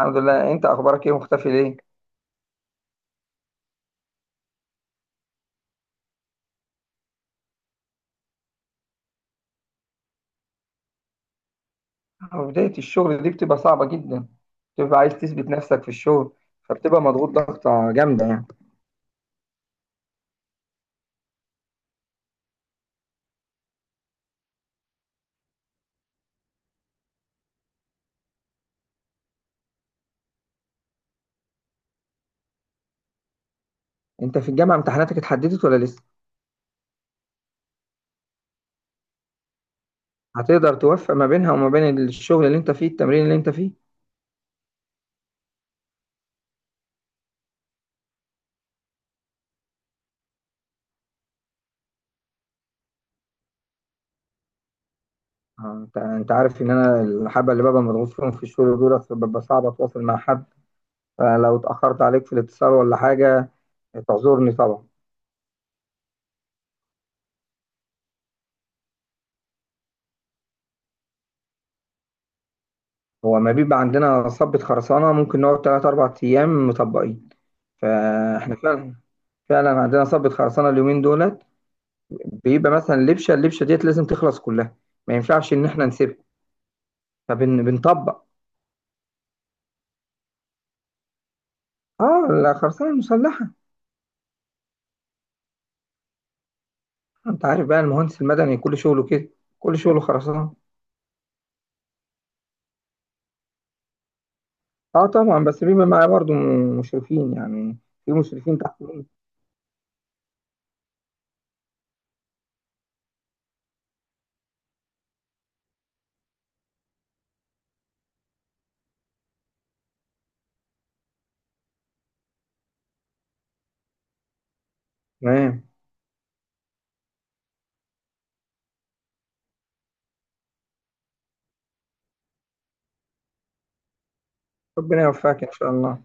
الحمد لله، انت اخبارك ايه؟ مختفي ليه؟ بداية الشغل دي بتبقى صعبة جدا. بتبقى عايز تثبت نفسك في الشغل. فبتبقى مضغوط ضغطة جامدة يعني. انت في الجامعة امتحاناتك اتحددت ولا لسه؟ هتقدر توفق ما بينها وما بين الشغل اللي انت فيه، التمرين اللي انت فيه؟ اه، انت عارف ان انا الحبة اللي ببقى مضغوط فيهم في الشغل دول، ببقى صعب اتواصل مع حد. فلو اتأخرت عليك في الاتصال ولا حاجة، تعذرني طبعا. هو ما بيبقى عندنا صبة خرسانة ممكن نقعد تلات أربع أيام مطبقين. فاحنا فعلا، فعلا عندنا صبة خرسانة اليومين دولت. بيبقى مثلا لبشة، اللبشة ديت لازم تخلص كلها. ما ينفعش إن إحنا نسيبها. فبنطبق. آه، الخرسانة المسلحة. أنت عارف بقى، المهندس المدني كل شغله كده. كل شغله خرسانة. آه طبعا، بس بيبقى معايا برضو مشرفين يعني. في مشرفين تحت مني. تمام. ربنا يوفقك إن شاء الله.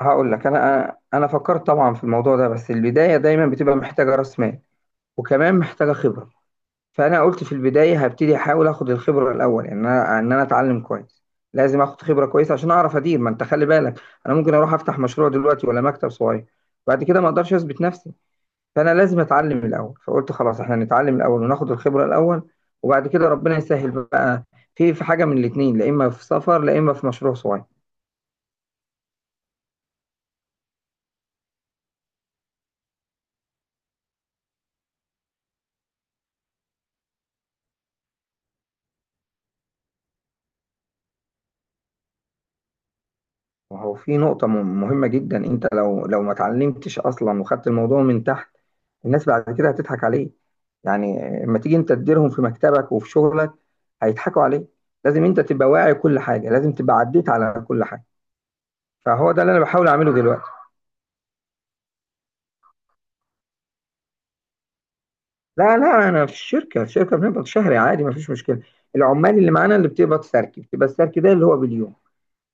هقول لك، أنا فكرت طبعا في الموضوع ده، بس البداية دايما بتبقى محتاجة رأس مال، وكمان محتاجة خبرة. فانا قلت في البدايه هبتدي احاول اخد الخبره الاول، ان انا اتعلم كويس. لازم اخد خبره كويسه عشان اعرف ادير، ما انت خلي بالك. انا ممكن اروح افتح مشروع دلوقتي ولا مكتب صغير، بعد كده ما اقدرش اثبت نفسي. فانا لازم اتعلم الاول، فقلت خلاص احنا نتعلم الاول وناخد الخبره الاول. وبعد كده ربنا يسهل بقى. في حاجه من الاثنين، لا اما في سفر لا اما في مشروع صغير. وهو في نقطة مهمة جدا، انت لو ما اتعلمتش اصلا وخدت الموضوع من تحت، الناس بعد كده هتضحك عليك. يعني، لما تيجي انت تديرهم في مكتبك وفي شغلك، هيضحكوا عليك. لازم انت تبقى واعي كل حاجة، لازم تبقى عديت على كل حاجة. فهو ده اللي انا بحاول اعمله دلوقتي. لا لا، انا في الشركة، الشركة بنقبض شهري عادي، ما فيش مشكلة. العمال اللي معانا اللي بتقبض سركي، بتبقى السركي ده اللي هو باليوم.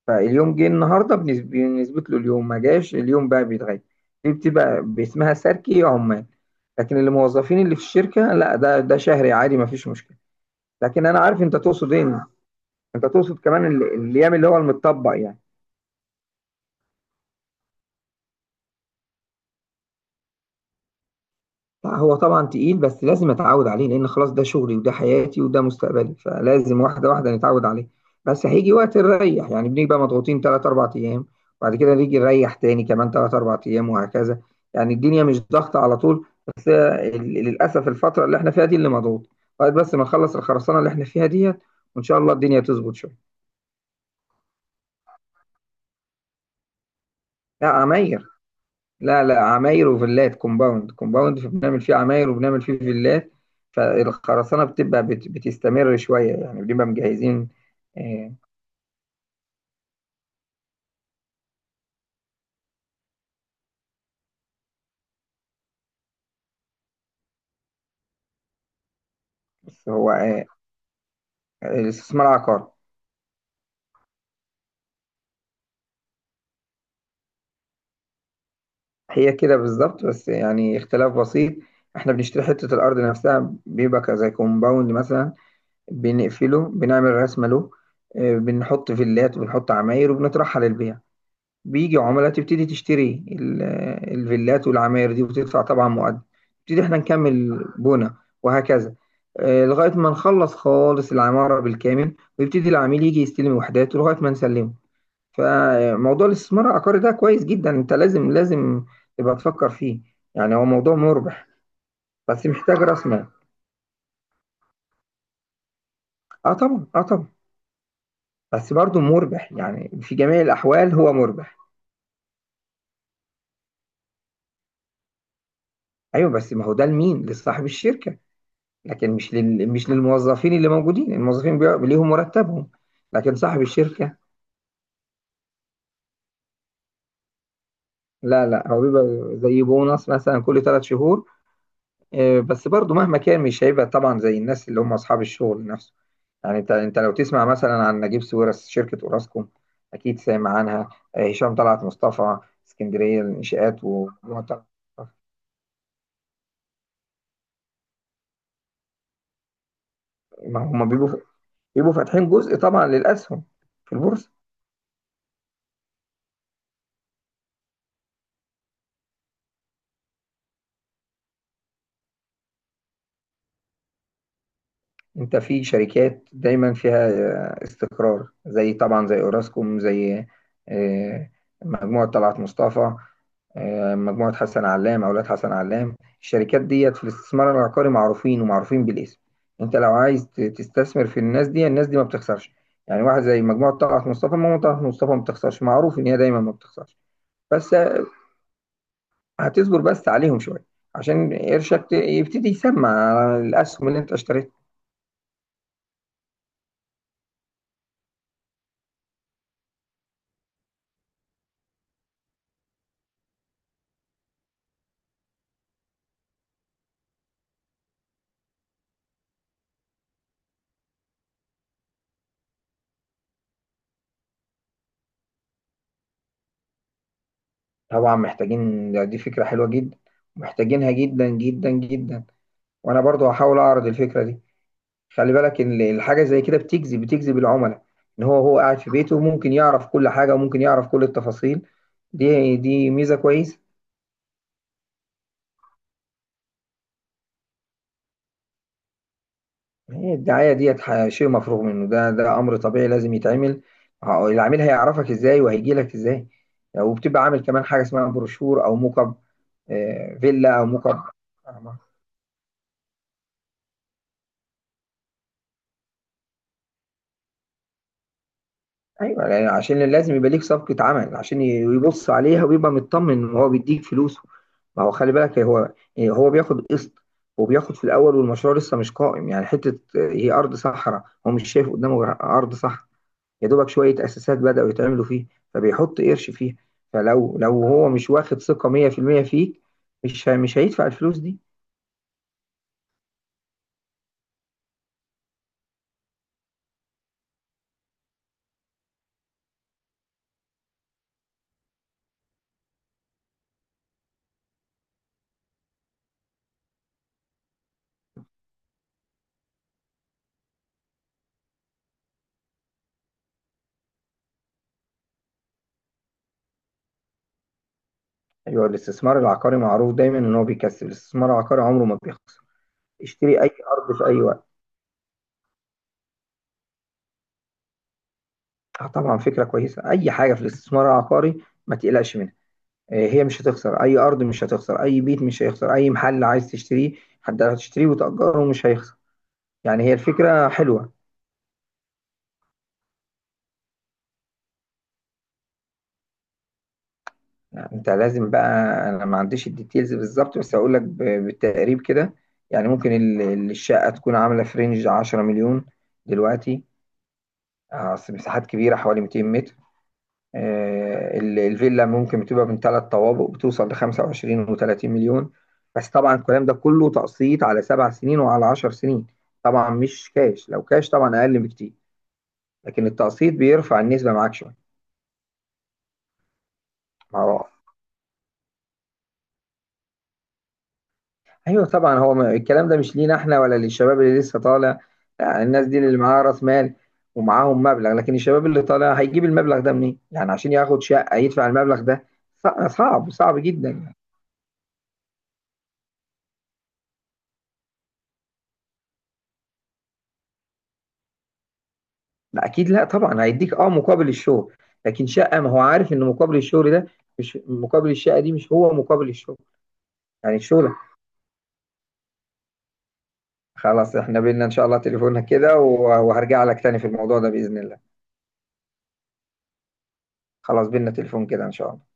فاليوم جه النهارده بنثبت له اليوم، ما جاش اليوم بقى بيتغير. دي بتبقى باسمها سركي عمال. لكن اللي موظفين اللي في الشركه، لا، ده شهري عادي، ما فيش مشكله. لكن انا عارف انت تقصد ايه. انت تقصد كمان الايام اللي هو المتطبق يعني. لا هو طبعا تقيل، بس لازم اتعود عليه، لان خلاص ده شغلي وده حياتي وده مستقبلي، فلازم واحده واحده نتعود عليه. بس هيجي وقت نريح، يعني بنبقى مضغوطين 3 4 ايام، وبعد كده نيجي نريح تاني كمان 3 4 ايام، وهكذا. يعني الدنيا مش ضغطه على طول، بس للاسف الفتره اللي احنا فيها دي اللي مضغوط. لغايه بس ما نخلص الخرسانه اللي احنا فيها ديت، وان شاء الله الدنيا تظبط شويه. لا، عماير. لا لا، عماير وفيلات، كومباوند، كومباوند بنعمل فيه عماير وبنعمل فيه فيلات. فالخرسانة بتبقى بتستمر شوية، يعني بنبقى مجهزين. آه، بس هو الاستثمار عقار. هي كده بالظبط، بس يعني اختلاف بسيط. احنا بنشتري حتة الأرض نفسها، بيبقى زي كومباوند مثلا. بنقفله، بنعمل رسمة له. بنحط فيلات وبنحط عماير وبنطرحها للبيع. بيجي عملاء تبتدي تشتري الفيلات والعماير دي وتدفع طبعا مقدم. نبتدي احنا نكمل بنا. وهكذا. لغاية ما نخلص خالص العمارة بالكامل، ويبتدي العميل يجي يستلم وحداته لغاية ما نسلمه. فموضوع الاستثمار العقاري ده كويس جدا، انت لازم لازم تبقى تفكر فيه. يعني هو موضوع مربح. بس محتاج راس مال. اه طبعا، اه طبعا. بس برضه مربح، يعني في جميع الأحوال هو مربح. ايوه، بس ما هو ده لمين؟ لصاحب الشركة. لكن مش مش للموظفين اللي موجودين، الموظفين ليهم مرتبهم. لكن صاحب الشركة. لا لا، هو بيبقى زي بونص مثلا كل 3 شهور. بس برضو مهما كان مش هيبقى طبعا زي الناس اللي هم أصحاب الشغل نفسه. يعني، انت لو تسمع مثلا عن نجيب ساويرس، شركة اوراسكوم، اكيد سامع عنها. هشام طلعت مصطفى، اسكندرية الانشاءات و ما هم بيبقوا فاتحين جزء طبعا للأسهم في البورصة. انت في شركات دايما فيها استقرار، زي طبعا زي اوراسكوم، زي آه، مجموعة طلعت مصطفى، مجموعة حسن علام، اولاد حسن علام، الشركات ديت في الاستثمار العقاري معروفين ومعروفين بالاسم. انت لو عايز تستثمر في الناس دي، الناس دي ما بتخسرش. يعني واحد زي مجموعة طلعت مصطفى، مجموعة طلعت مصطفى ما بتخسرش، معروف ان هي دايما ما بتخسرش. بس هتصبر بس عليهم شوية، عشان قرشك يبتدي يسمع على الاسهم اللي انت اشتريتها. طبعا محتاجين، دي فكرة حلوة جدا. محتاجينها جدا جدا جدا. وانا برضو هحاول اعرض الفكرة دي. خلي بالك ان الحاجة زي كده بتجذب العملاء. ان هو هو قاعد في بيته، ممكن يعرف كل حاجة وممكن يعرف كل التفاصيل. دي ميزة كويسة. هي الدعاية ديت شيء مفروغ منه، ده امر طبيعي لازم يتعمل. العميل هيعرفك ازاي وهيجي لك ازاي؟ وبتبقى عامل كمان حاجة اسمها بروشور او موك اب، فيلا او موك اب. ايوه، يعني عشان لازم يبقى ليك صفقه عمل عشان يبص عليها ويبقى مطمن وهو بيديك فلوسه. ما هو خلي بالك، هو يعني هو بياخد قسط، وبياخد في الاول والمشروع لسه مش قائم، يعني حته هي ارض صحراء، هو مش شايف قدامه غير ارض صحراء. يا دوبك شويه اساسات بداوا يتعملوا فيه. فبيحط قرش فيها. فلو هو مش واخد ثقه 100% فيك، مش هيدفع الفلوس دي. ايوه، الاستثمار العقاري معروف دايما ان هو بيكسب، الاستثمار العقاري عمره ما بيخسر. اشتري اي ارض في اي وقت. اه طبعا، فكرة كويسة. أي حاجة في الاستثمار العقاري ما تقلقش منها. هي مش هتخسر أي أرض، مش هتخسر أي بيت، مش هيخسر أي محل عايز تشتريه. حد هتشتريه وتأجره مش هيخسر. يعني هي الفكرة حلوة. يعني أنت لازم بقى، أنا ما عنديش الديتيلز بالظبط، بس هقول لك بالتقريب كده. يعني ممكن الشقة تكون عاملة في رينج 10 مليون دلوقتي. أصل مساحات كبيرة، حوالي 200 متر. الفيلا ممكن بتبقى من ثلاث طوابق، بتوصل ل 25 و30 مليون. بس طبعا الكلام ده كله تقسيط على 7 سنين وعلى 10 سنين. طبعا مش كاش، لو كاش طبعا اقل بكتير. لكن التقسيط بيرفع النسبه معاك شويه. مع بعض. ايوه طبعا، هو الكلام ده مش لينا احنا ولا للشباب اللي لسه طالع. لا، الناس دي اللي معاها راس مال، ومعاهم مبلغ، لكن الشباب اللي طالع هيجيب المبلغ ده منين؟ يعني عشان ياخد شقه يدفع المبلغ ده. صعب صعب جدا. لا اكيد، لا طبعا هيديك مقابل الشغل. لكن شقه، ما هو عارف ان مقابل الشغل ده مش مقابل الشقه، دي مش هو مقابل الشغل. يعني الشغل. خلاص احنا بينا، ان شاء الله تليفوننا كده، وهرجع لك تاني في الموضوع ده باذن الله. خلاص بينا تليفون كده ان شاء الله.